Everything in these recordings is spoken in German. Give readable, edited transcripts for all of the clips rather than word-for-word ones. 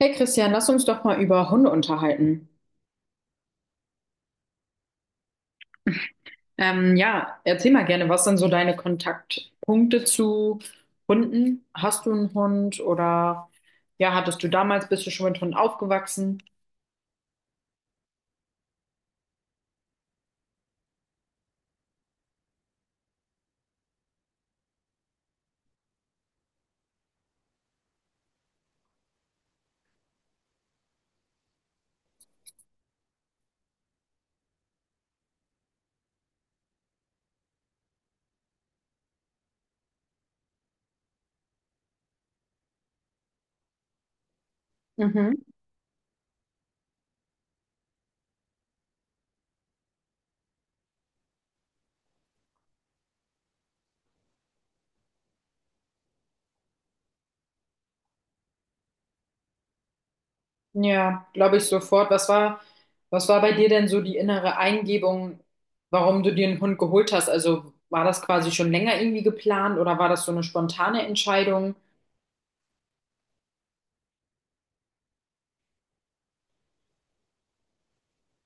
Hey Christian, lass uns doch mal über Hunde unterhalten. Ja, erzähl mal gerne, was sind so deine Kontaktpunkte zu Hunden? Hast du einen Hund oder ja, hattest du damals, bist du schon mit Hunden aufgewachsen? Mhm. Ja, glaube ich sofort. Was war bei dir denn so die innere Eingebung, warum du dir einen Hund geholt hast? Also war das quasi schon länger irgendwie geplant oder war das so eine spontane Entscheidung?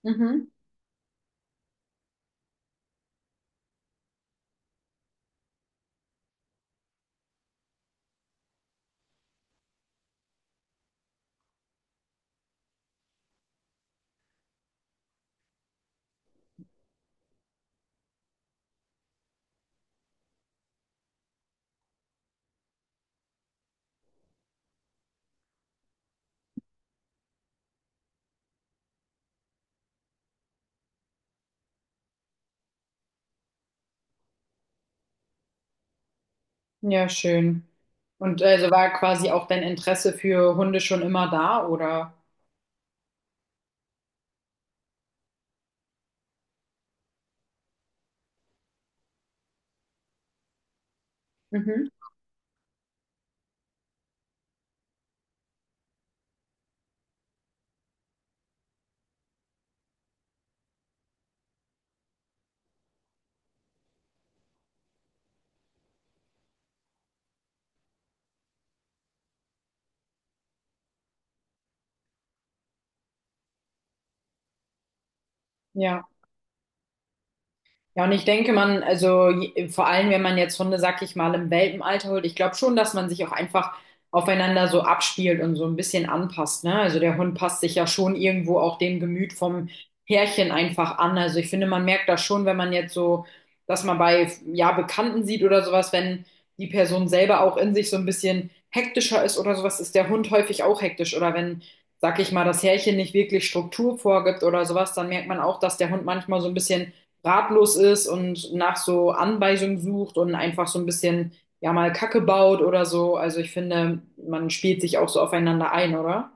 Mhm. Ja, schön. Und also war quasi auch dein Interesse für Hunde schon immer da, oder? Mhm. Ja. Ja, und ich denke, man, also vor allem, wenn man jetzt Hunde, sag ich mal, im Welpenalter holt, ich glaube schon, dass man sich auch einfach aufeinander so abspielt und so ein bisschen anpasst, ne? Also der Hund passt sich ja schon irgendwo auch dem Gemüt vom Herrchen einfach an. Also ich finde, man merkt das schon, wenn man jetzt so, dass man bei, ja, Bekannten sieht oder sowas, wenn die Person selber auch in sich so ein bisschen hektischer ist oder sowas, ist der Hund häufig auch hektisch. Oder wenn, sag ich mal, das Herrchen nicht wirklich Struktur vorgibt oder sowas, dann merkt man auch, dass der Hund manchmal so ein bisschen ratlos ist und nach so Anweisungen sucht und einfach so ein bisschen, ja, mal Kacke baut oder so. Also ich finde, man spielt sich auch so aufeinander ein, oder?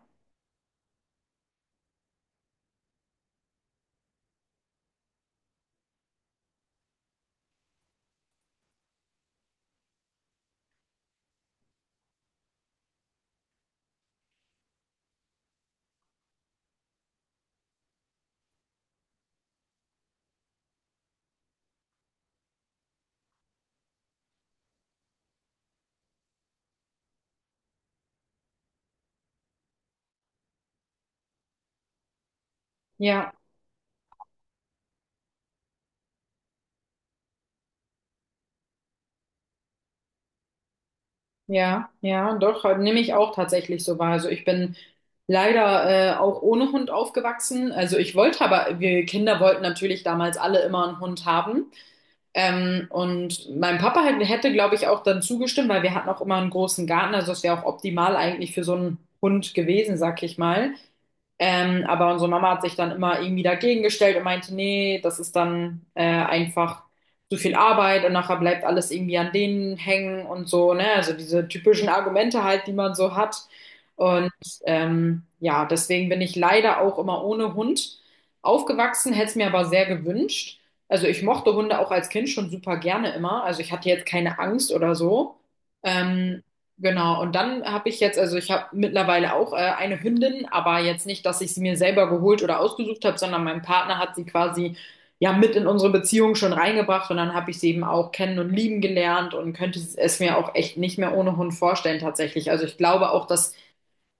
Ja, ja, doch, halt nehme ich auch tatsächlich so wahr. Also ich bin leider auch ohne Hund aufgewachsen. Also ich wollte aber, wir Kinder wollten natürlich damals alle immer einen Hund haben. Und mein Papa hätte, glaube ich, auch dann zugestimmt, weil wir hatten auch immer einen großen Garten. Also es wäre auch optimal eigentlich für so einen Hund gewesen, sag ich mal. Aber unsere Mama hat sich dann immer irgendwie dagegen gestellt und meinte, nee, das ist dann einfach zu viel Arbeit und nachher bleibt alles irgendwie an denen hängen und so, ne? Also diese typischen Argumente halt, die man so hat. Und ja, deswegen bin ich leider auch immer ohne Hund aufgewachsen, hätte es mir aber sehr gewünscht. Also ich mochte Hunde auch als Kind schon super gerne immer. Also ich hatte jetzt keine Angst oder so. Ähm, Genau, und dann habe ich jetzt, also ich habe mittlerweile auch eine Hündin, aber jetzt nicht, dass ich sie mir selber geholt oder ausgesucht habe, sondern mein Partner hat sie quasi ja mit in unsere Beziehung schon reingebracht und dann habe ich sie eben auch kennen und lieben gelernt und könnte es mir auch echt nicht mehr ohne Hund vorstellen tatsächlich. Also ich glaube auch, dass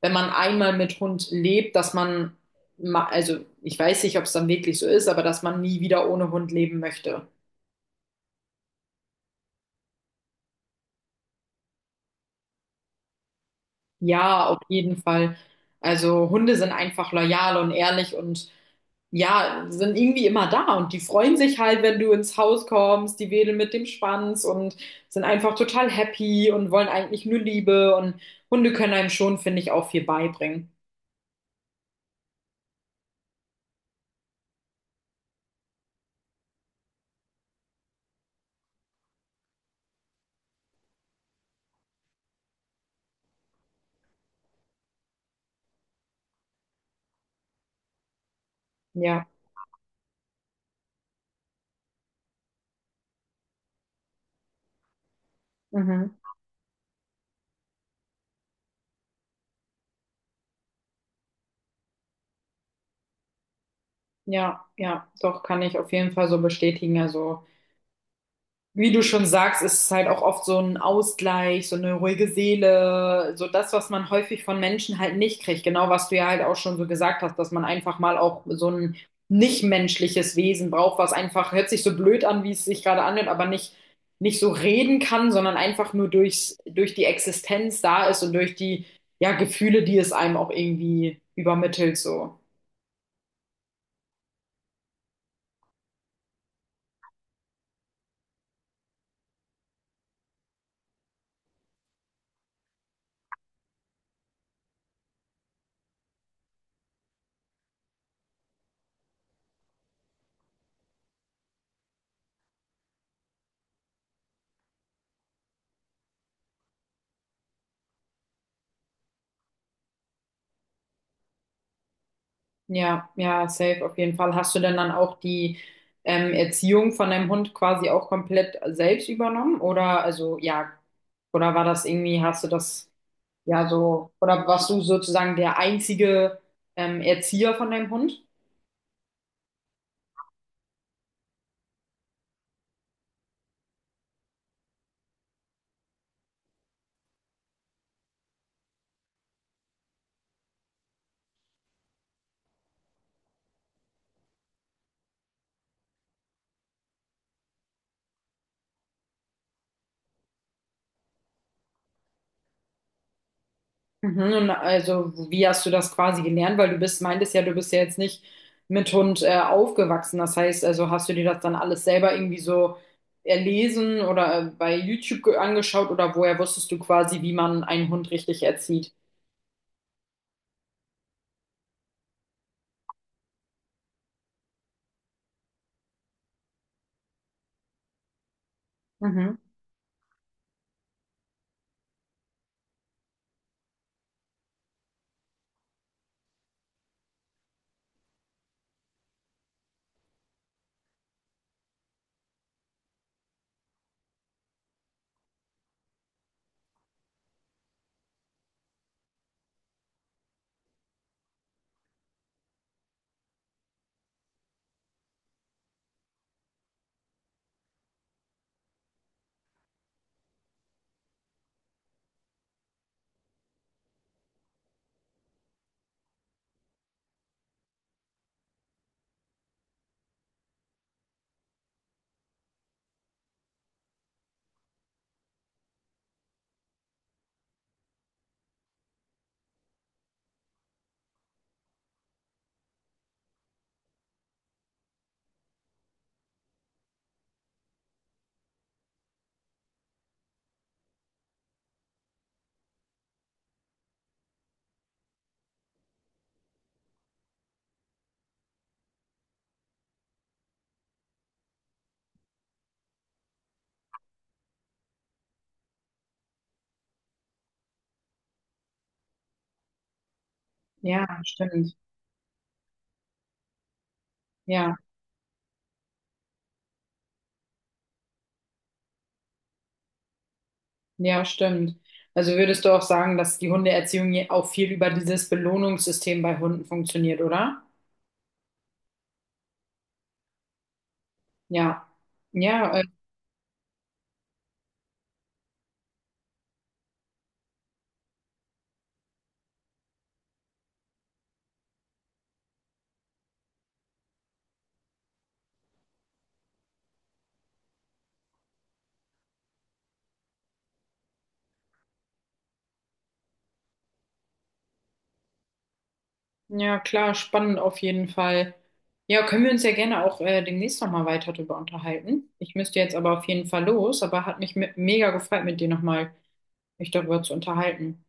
wenn man einmal mit Hund lebt, dass man, also ich weiß nicht, ob es dann wirklich so ist, aber dass man nie wieder ohne Hund leben möchte. Ja, auf jeden Fall. Also Hunde sind einfach loyal und ehrlich und ja, sind irgendwie immer da und die freuen sich halt, wenn du ins Haus kommst, die wedeln mit dem Schwanz und sind einfach total happy und wollen eigentlich nur Liebe und Hunde können einem schon, finde ich, auch viel beibringen. Ja, mhm. Ja, doch, kann ich auf jeden Fall so bestätigen. Also. Wie du schon sagst, ist es halt auch oft so ein Ausgleich, so eine ruhige Seele, so das, was man häufig von Menschen halt nicht kriegt. Genau, was du ja halt auch schon so gesagt hast, dass man einfach mal auch so ein nichtmenschliches Wesen braucht, was einfach, hört sich so blöd an, wie es sich gerade anhört, aber nicht so reden kann, sondern einfach nur durch die Existenz da ist und durch die, ja, Gefühle, die es einem auch irgendwie übermittelt, so. Ja, safe auf jeden Fall. Hast du denn dann auch die Erziehung von deinem Hund quasi auch komplett selbst übernommen? Oder also ja, oder war das irgendwie, hast du das ja so, oder warst du sozusagen der einzige Erzieher von deinem Hund? Mhm, und also, wie hast du das quasi gelernt? Weil du bist, meintest ja, du bist ja jetzt nicht mit Hund aufgewachsen. Das heißt, also hast du dir das dann alles selber irgendwie so erlesen oder bei YouTube angeschaut oder woher wusstest du quasi, wie man einen Hund richtig erzieht? Mhm. Ja, stimmt. Ja, ja, stimmt. Also würdest du auch sagen, dass die Hundeerziehung auch viel über dieses Belohnungssystem bei Hunden funktioniert, oder? Ja. Ja, ja, klar, spannend auf jeden Fall. Ja, können wir uns ja gerne auch demnächst nochmal weiter darüber unterhalten. Ich müsste jetzt aber auf jeden Fall los, aber hat mich mega gefreut, mit dir nochmal mich darüber zu unterhalten.